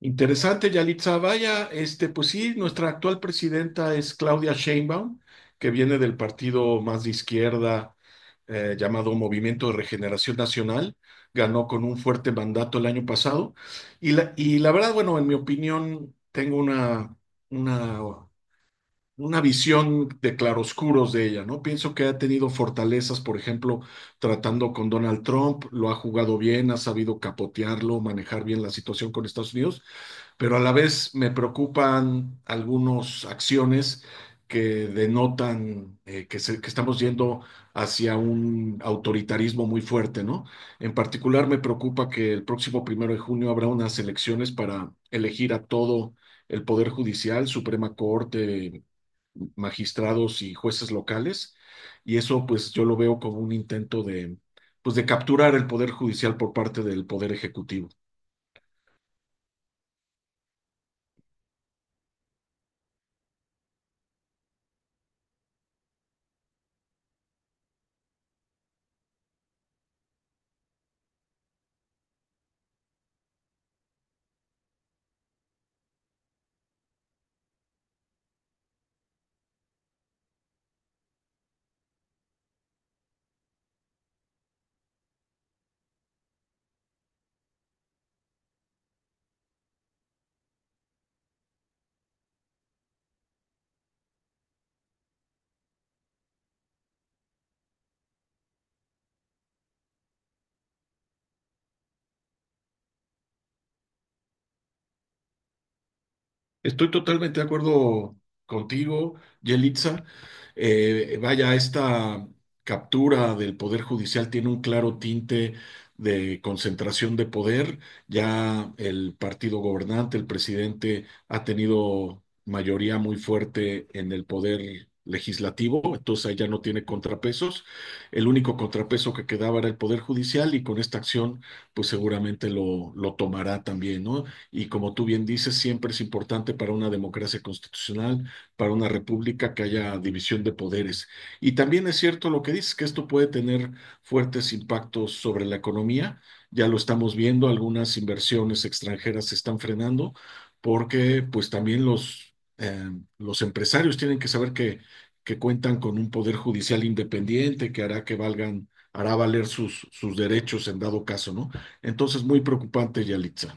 Interesante, Yalitza. Vaya, pues sí, nuestra actual presidenta es Claudia Sheinbaum, que viene del partido más de izquierda llamado Movimiento de Regeneración Nacional. Ganó con un fuerte mandato el año pasado. Y la verdad, bueno, en mi opinión, tengo una, una visión de claroscuros de ella, ¿no? Pienso que ha tenido fortalezas, por ejemplo, tratando con Donald Trump, lo ha jugado bien, ha sabido capotearlo, manejar bien la situación con Estados Unidos, pero a la vez me preocupan algunas acciones que denotan que estamos yendo hacia un autoritarismo muy fuerte, ¿no? En particular me preocupa que el próximo primero de junio habrá unas elecciones para elegir a todo el Poder Judicial, Suprema Corte, magistrados y jueces locales, y eso pues yo lo veo como un intento de, pues, de capturar el Poder Judicial por parte del Poder Ejecutivo. Estoy totalmente de acuerdo contigo, Yelitza. Vaya, esta captura del Poder Judicial tiene un claro tinte de concentración de poder. Ya el partido gobernante, el presidente, ha tenido mayoría muy fuerte en el poder legislativo, entonces ahí ya no tiene contrapesos. El único contrapeso que quedaba era el Poder Judicial y con esta acción, pues seguramente lo tomará también, ¿no? Y como tú bien dices, siempre es importante para una democracia constitucional, para una república que haya división de poderes. Y también es cierto lo que dices, que esto puede tener fuertes impactos sobre la economía. Ya lo estamos viendo, algunas inversiones extranjeras se están frenando porque pues también los empresarios tienen que saber que cuentan con un poder judicial independiente que hará que valgan hará valer sus, sus derechos en dado caso, ¿no? Entonces, muy preocupante, Yalitza.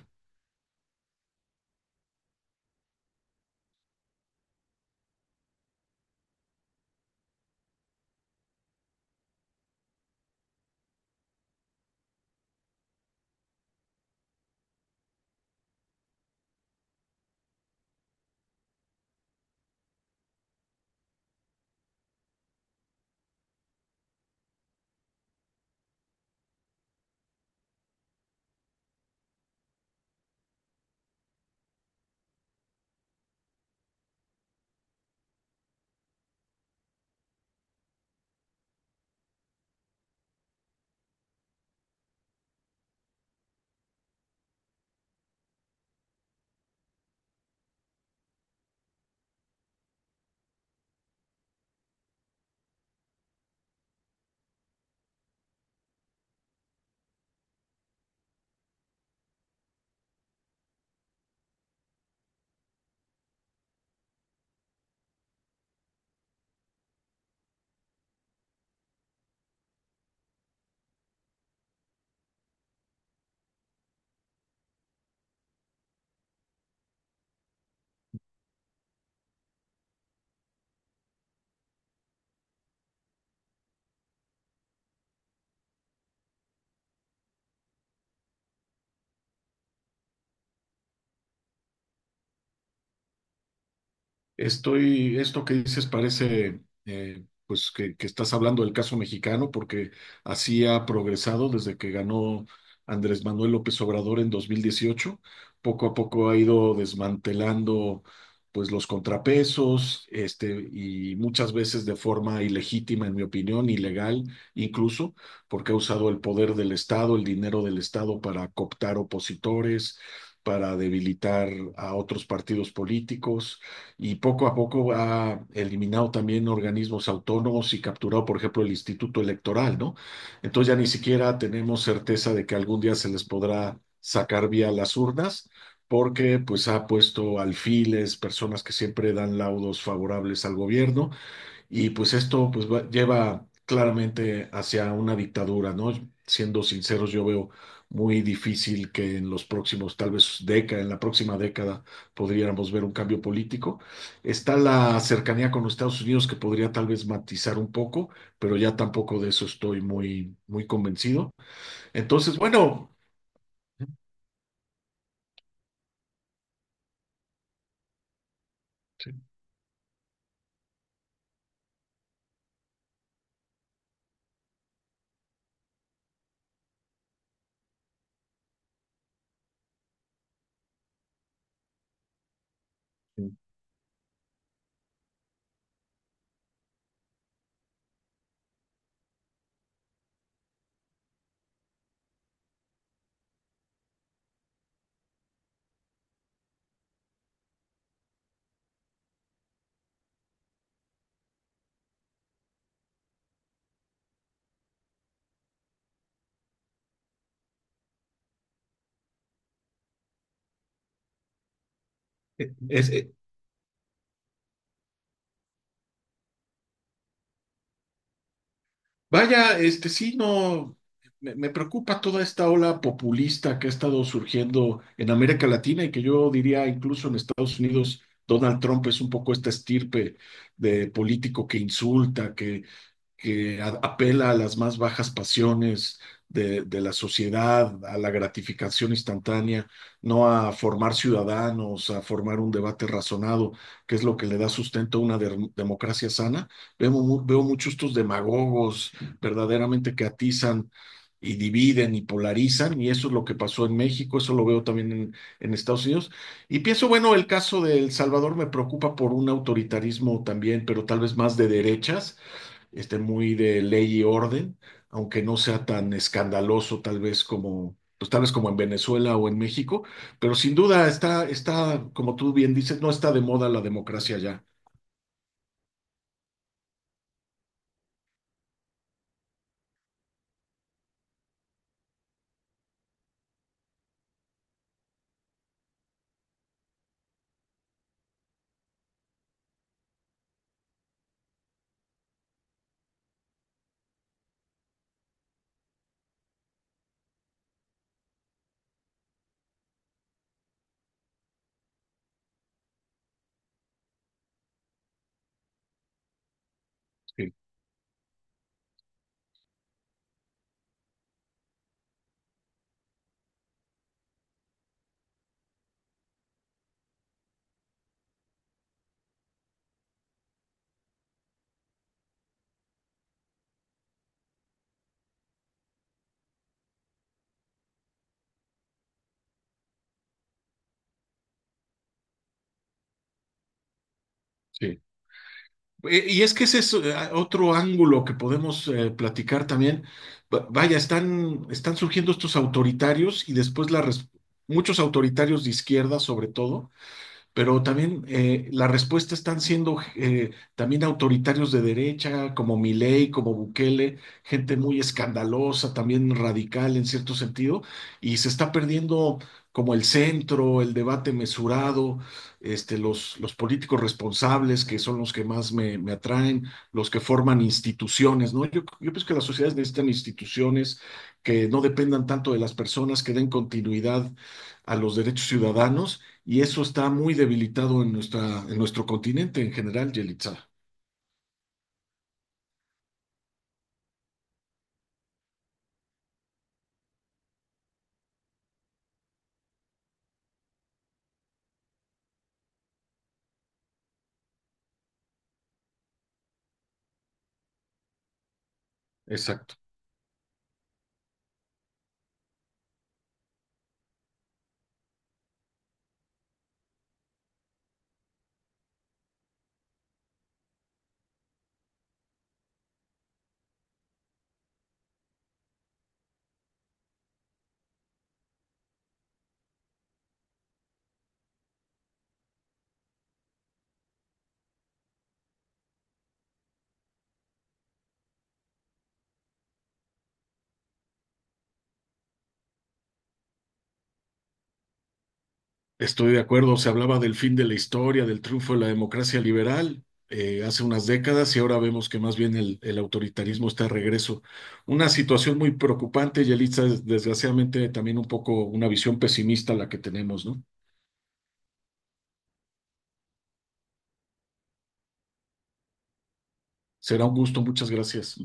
Esto que dices parece, pues que estás hablando del caso mexicano, porque así ha progresado desde que ganó Andrés Manuel López Obrador en 2018. Poco a poco ha ido desmantelando, pues, los contrapesos, y muchas veces de forma ilegítima, en mi opinión, ilegal, incluso, porque ha usado el poder del Estado, el dinero del Estado para cooptar opositores, para debilitar a otros partidos políticos y poco a poco ha eliminado también organismos autónomos y capturado, por ejemplo, el Instituto Electoral, ¿no? Entonces ya ni siquiera tenemos certeza de que algún día se les podrá sacar vía las urnas, porque pues ha puesto alfiles, personas que siempre dan laudos favorables al gobierno y pues esto lleva claramente hacia una dictadura, ¿no? Siendo sinceros, yo veo muy difícil que en los próximos, tal vez década, en la próxima década, podríamos ver un cambio político. Está la cercanía con los Estados Unidos que podría tal vez matizar un poco, pero ya tampoco de eso estoy muy convencido. Entonces, bueno, sí, Es, vaya, sí, no, me preocupa toda esta ola populista que ha estado surgiendo en América Latina y que yo diría incluso en Estados Unidos. Donald Trump es un poco esta estirpe de político que insulta, apela a las más bajas pasiones de la sociedad, a la gratificación instantánea, no a formar ciudadanos, a formar un debate razonado, que es lo que le da sustento a una democracia sana. Veo muchos estos demagogos verdaderamente que atizan y dividen y polarizan, y eso es lo que pasó en México, eso lo veo también en Estados Unidos. Y pienso, bueno, el caso de El Salvador me preocupa por un autoritarismo también, pero tal vez más de derechas, muy de ley y orden, aunque no sea tan escandaloso tal vez como, pues tal vez como en Venezuela o en México, pero sin duda está, como tú bien dices, no está de moda la democracia ya. Sí, sí. Y es que ese es otro ángulo que podemos platicar también. Vaya, están surgiendo estos autoritarios y después muchos autoritarios de izquierda, sobre todo, pero también la respuesta están siendo también autoritarios de derecha, como Milei, como Bukele, gente muy escandalosa, también radical en cierto sentido, y se está perdiendo como el centro, el debate mesurado, los políticos responsables, que son los que más me atraen, los que forman instituciones, ¿no? Yo pienso que las sociedades necesitan instituciones que no dependan tanto de las personas, que den continuidad a los derechos ciudadanos y eso está muy debilitado en nuestro continente en general, Yelitza. Exacto. Estoy de acuerdo. Se hablaba del fin de la historia, del triunfo de la democracia liberal hace unas décadas y ahora vemos que más bien el autoritarismo está de regreso. Una situación muy preocupante, Yelitza, desgraciadamente también un poco una visión pesimista la que tenemos, ¿no? Será un gusto. Muchas gracias.